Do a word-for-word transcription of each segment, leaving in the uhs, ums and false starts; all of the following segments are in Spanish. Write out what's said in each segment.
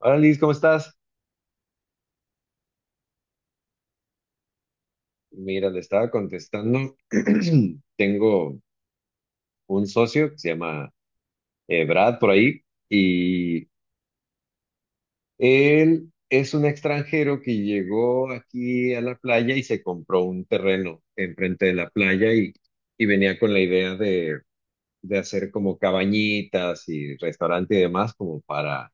Hola Liz, ¿cómo estás? Mira, le estaba contestando. Tengo un socio que se llama eh, Brad por ahí y él es un extranjero que llegó aquí a la playa y se compró un terreno enfrente de la playa y, y venía con la idea de, de hacer como cabañitas y restaurante y demás como para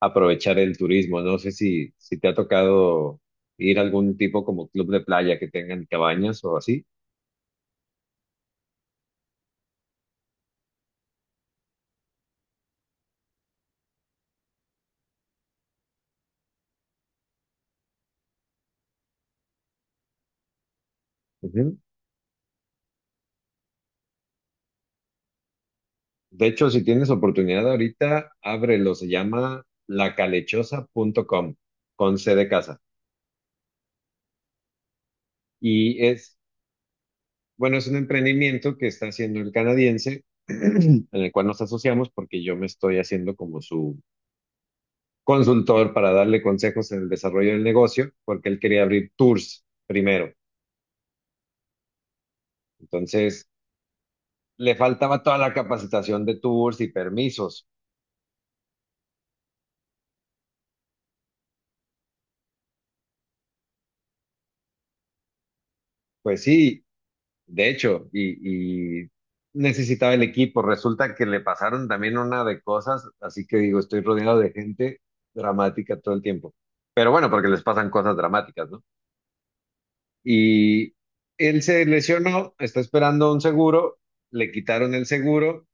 aprovechar el turismo. No sé si, si te ha tocado ir a algún tipo como club de playa que tengan cabañas o así. De hecho, si tienes oportunidad ahorita, ábrelo. Se llama lacalechosa punto com con C de casa. Y es, bueno, es un emprendimiento que está haciendo el canadiense, en el cual nos asociamos porque yo me estoy haciendo como su consultor para darle consejos en el desarrollo del negocio, porque él quería abrir tours primero. Entonces, le faltaba toda la capacitación de tours y permisos. Pues sí. De hecho, y, y necesitaba el equipo. Resulta que le pasaron también una de cosas, así que digo, estoy rodeado de gente dramática todo el tiempo. Pero bueno, porque les pasan cosas dramáticas, ¿no? Y él se lesionó, está esperando un seguro, le quitaron el seguro,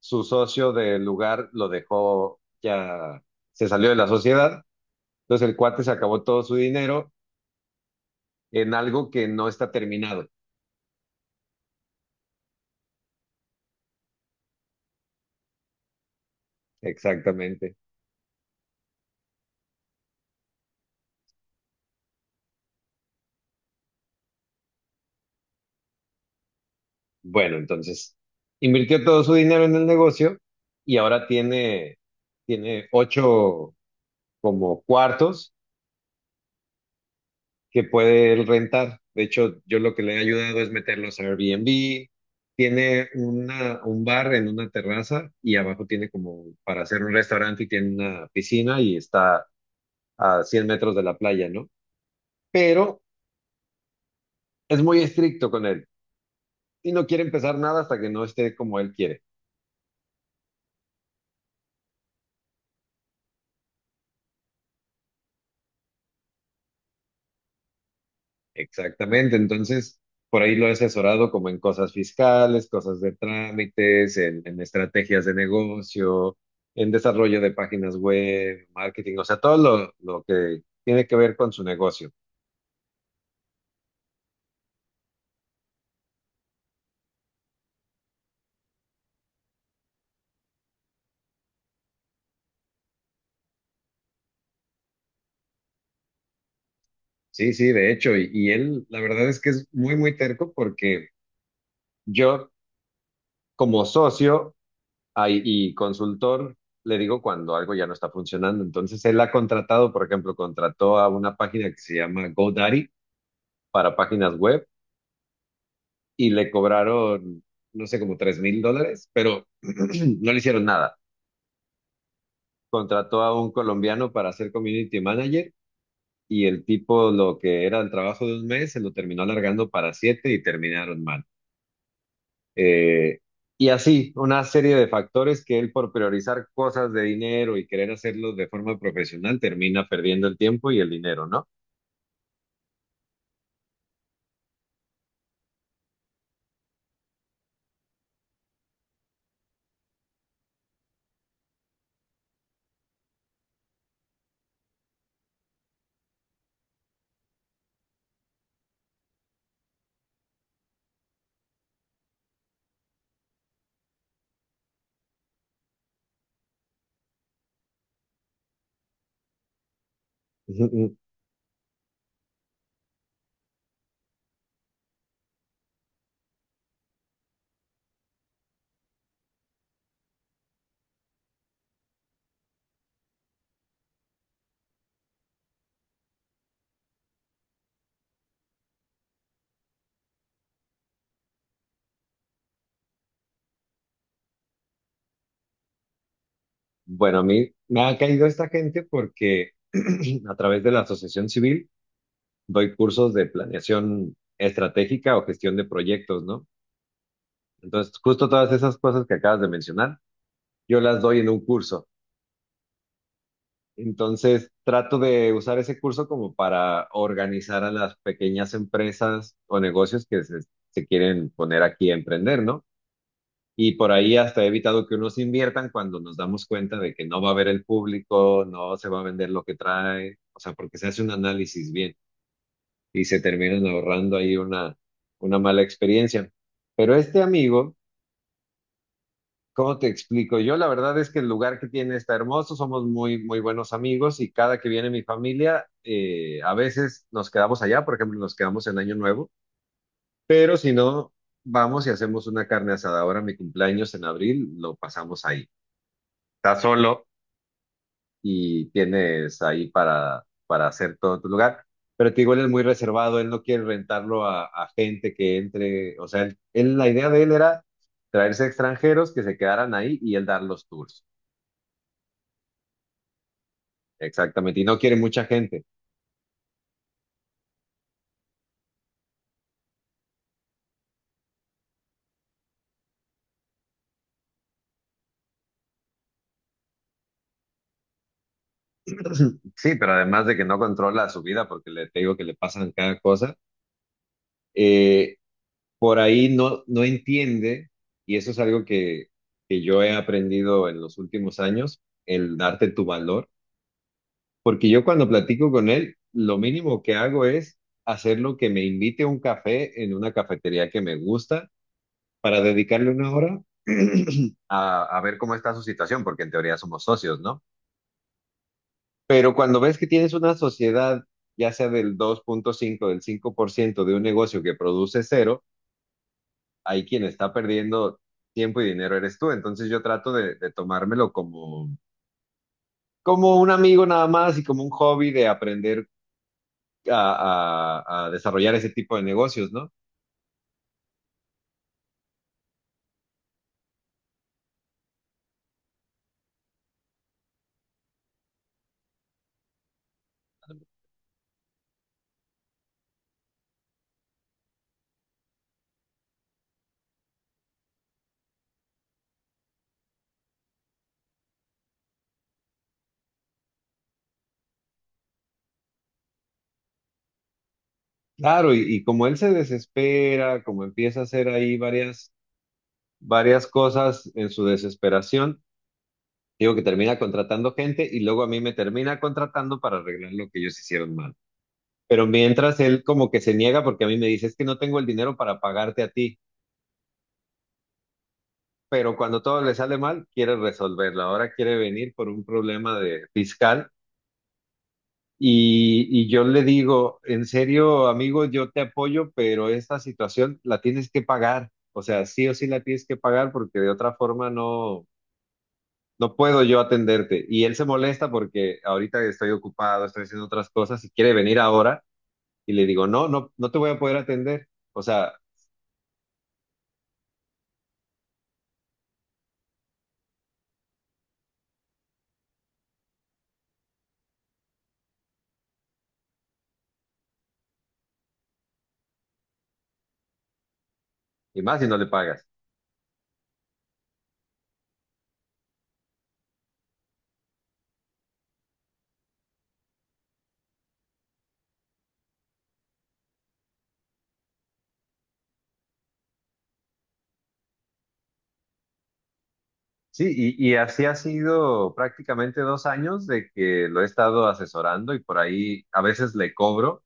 su socio del lugar lo dejó, ya se salió de la sociedad, entonces el cuate se acabó todo su dinero en algo que no está terminado. Exactamente. Bueno, entonces invirtió todo su dinero en el negocio y ahora tiene, tiene ocho como cuartos que puede él rentar. De hecho, yo lo que le he ayudado es meterlos a Airbnb. Tiene una, un bar en una terraza y abajo tiene como para hacer un restaurante y tiene una piscina y está a cien metros de la playa, ¿no? Pero es muy estricto con él y no quiere empezar nada hasta que no esté como él quiere. Exactamente, entonces por ahí lo he asesorado como en cosas fiscales, cosas de trámites, en, en estrategias de negocio, en desarrollo de páginas web, marketing, o sea, todo lo, lo que tiene que ver con su negocio. Sí, sí, de hecho, y, y él la verdad es que es muy, muy terco porque yo como socio ay, y consultor le digo cuando algo ya no está funcionando. Entonces él ha contratado, por ejemplo, contrató a una página que se llama GoDaddy para páginas web y le cobraron, no sé, como tres mil dólares, pero no le hicieron nada. Contrató a un colombiano para ser community manager y el tipo lo que era el trabajo de un mes se lo terminó alargando para siete y terminaron mal. Eh, y así, una serie de factores que él por priorizar cosas de dinero y querer hacerlo de forma profesional termina perdiendo el tiempo y el dinero, ¿no? Bueno, a mí me ha caído esta gente porque a través de la asociación civil doy cursos de planeación estratégica o gestión de proyectos, ¿no? Entonces, justo todas esas cosas que acabas de mencionar, yo las doy en un curso. Entonces, trato de usar ese curso como para organizar a las pequeñas empresas o negocios que se, se quieren poner aquí a emprender, ¿no? Y por ahí hasta he evitado que unos inviertan cuando nos damos cuenta de que no va a haber el público, no se va a vender lo que trae, o sea, porque se hace un análisis bien. Y se terminan ahorrando ahí una, una mala experiencia. Pero este amigo, ¿cómo te explico? Yo la verdad es que el lugar que tiene está hermoso, somos muy, muy buenos amigos y cada que viene mi familia, eh, a veces nos quedamos allá, por ejemplo, nos quedamos en Año Nuevo, pero si no, vamos y hacemos una carne asada. Ahora mi cumpleaños en abril lo pasamos ahí. Está solo, y tienes ahí para, para hacer todo en tu lugar. Pero te digo, él es muy reservado, él no quiere rentarlo a, a gente que entre, o sea, él, él- la idea de él era traerse extranjeros que se quedaran ahí y él dar los tours. Exactamente, y no quiere mucha gente. Sí, pero además de que no controla su vida porque le, te digo que le pasan cada cosa, eh, por ahí no, no entiende, y eso es algo que, que yo he aprendido en los últimos años, el darte tu valor. Porque yo cuando platico con él, lo mínimo que hago es hacer lo que me invite a un café en una cafetería que me gusta para dedicarle una hora a, a ver cómo está su situación, porque en teoría somos socios, ¿no? Pero cuando ves que tienes una sociedad, ya sea del dos punto cinco del cinco por ciento de un negocio que produce cero, ahí quien está perdiendo tiempo y dinero eres tú. Entonces yo trato de, de tomármelo como, como un amigo nada más y como un hobby de aprender a, a- a desarrollar ese tipo de negocios, ¿no? Claro, y, y como él se desespera, como empieza a hacer ahí varias, varias cosas en su desesperación, digo que termina contratando gente y luego a mí me termina contratando para arreglar lo que ellos hicieron mal. Pero mientras él como que se niega porque a mí me dice, es que no tengo el dinero para pagarte a ti. Pero cuando todo le sale mal, quiere resolverlo. Ahora quiere venir por un problema de fiscal. Y, y yo le digo, en serio, amigo, yo te apoyo, pero esta situación la tienes que pagar. O sea, sí o sí la tienes que pagar porque de otra forma no, no puedo yo atenderte. Y él se molesta porque ahorita estoy ocupado, estoy haciendo otras cosas y quiere venir ahora. Y le digo, no, no, no te voy a poder atender. O sea, y más si no le pagas. Sí, y, y así ha sido prácticamente dos años de que lo he estado asesorando y por ahí a veces le cobro.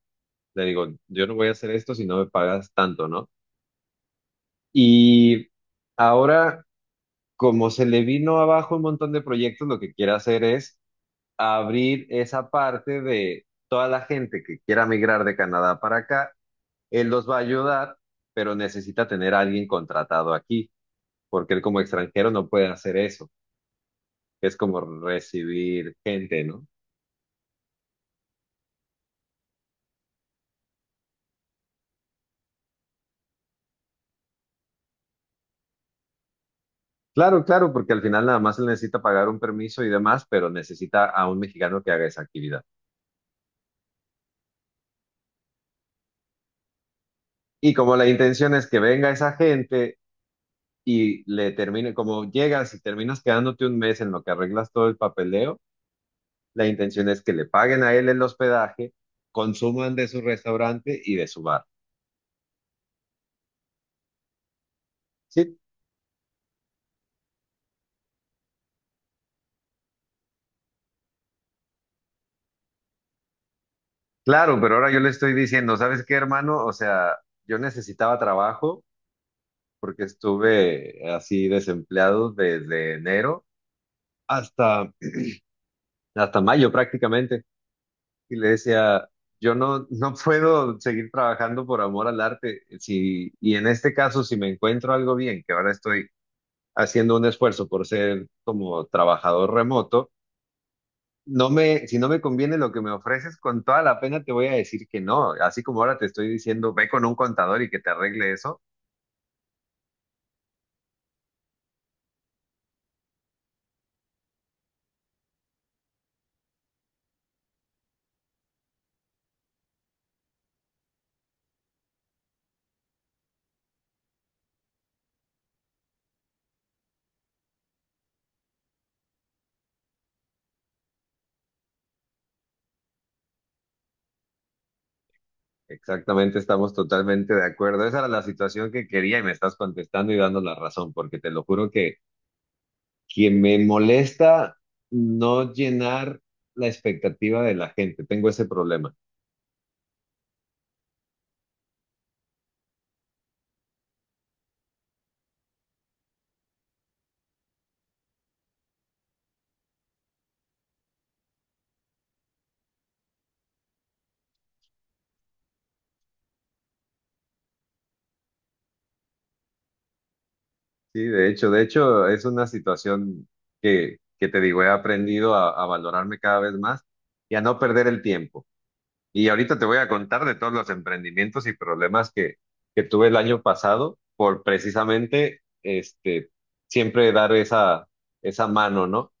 Le digo, yo no voy a hacer esto si no me pagas tanto, ¿no? Y ahora, como se le vino abajo un montón de proyectos, lo que quiere hacer es abrir esa parte de toda la gente que quiera migrar de Canadá para acá. Él los va a ayudar, pero necesita tener a alguien contratado aquí, porque él como extranjero no puede hacer eso. que Es como recibir gente, ¿no? Claro, claro, porque al final nada más él necesita pagar un permiso y demás, pero necesita a un mexicano que haga esa actividad. Y como la intención es que venga esa gente y le termine, como llegas y terminas quedándote un mes en lo que arreglas todo el papeleo, la intención es que le paguen a él el hospedaje, consuman de su restaurante y de su bar. Sí, claro, pero ahora yo le estoy diciendo, ¿sabes qué, hermano? O sea, yo necesitaba trabajo porque estuve así desempleado desde enero hasta, hasta mayo prácticamente. Y le decía, yo no, no puedo seguir trabajando por amor al arte. Si, y en este caso, si me encuentro algo bien, que ahora estoy haciendo un esfuerzo por ser como trabajador remoto, no me, si no me conviene lo que me ofreces, con toda la pena te voy a decir que no. Así como ahora te estoy diciendo, ve con un contador y que te arregle eso. Exactamente, estamos totalmente de acuerdo. Esa era la situación que quería y me estás contestando y dando la razón, porque te lo juro que que me molesta no llenar la expectativa de la gente. Tengo ese problema. Sí, de hecho, de hecho, es una situación que, que te digo, he aprendido a, a valorarme cada vez más y a no perder el tiempo. Y ahorita te voy a contar de todos los emprendimientos y problemas que, que tuve el año pasado por precisamente este, siempre dar esa, esa mano, ¿no?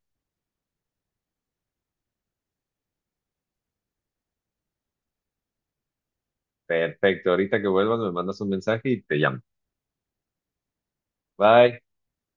Perfecto, ahorita que vuelvas me mandas un mensaje y te llamo. Bye.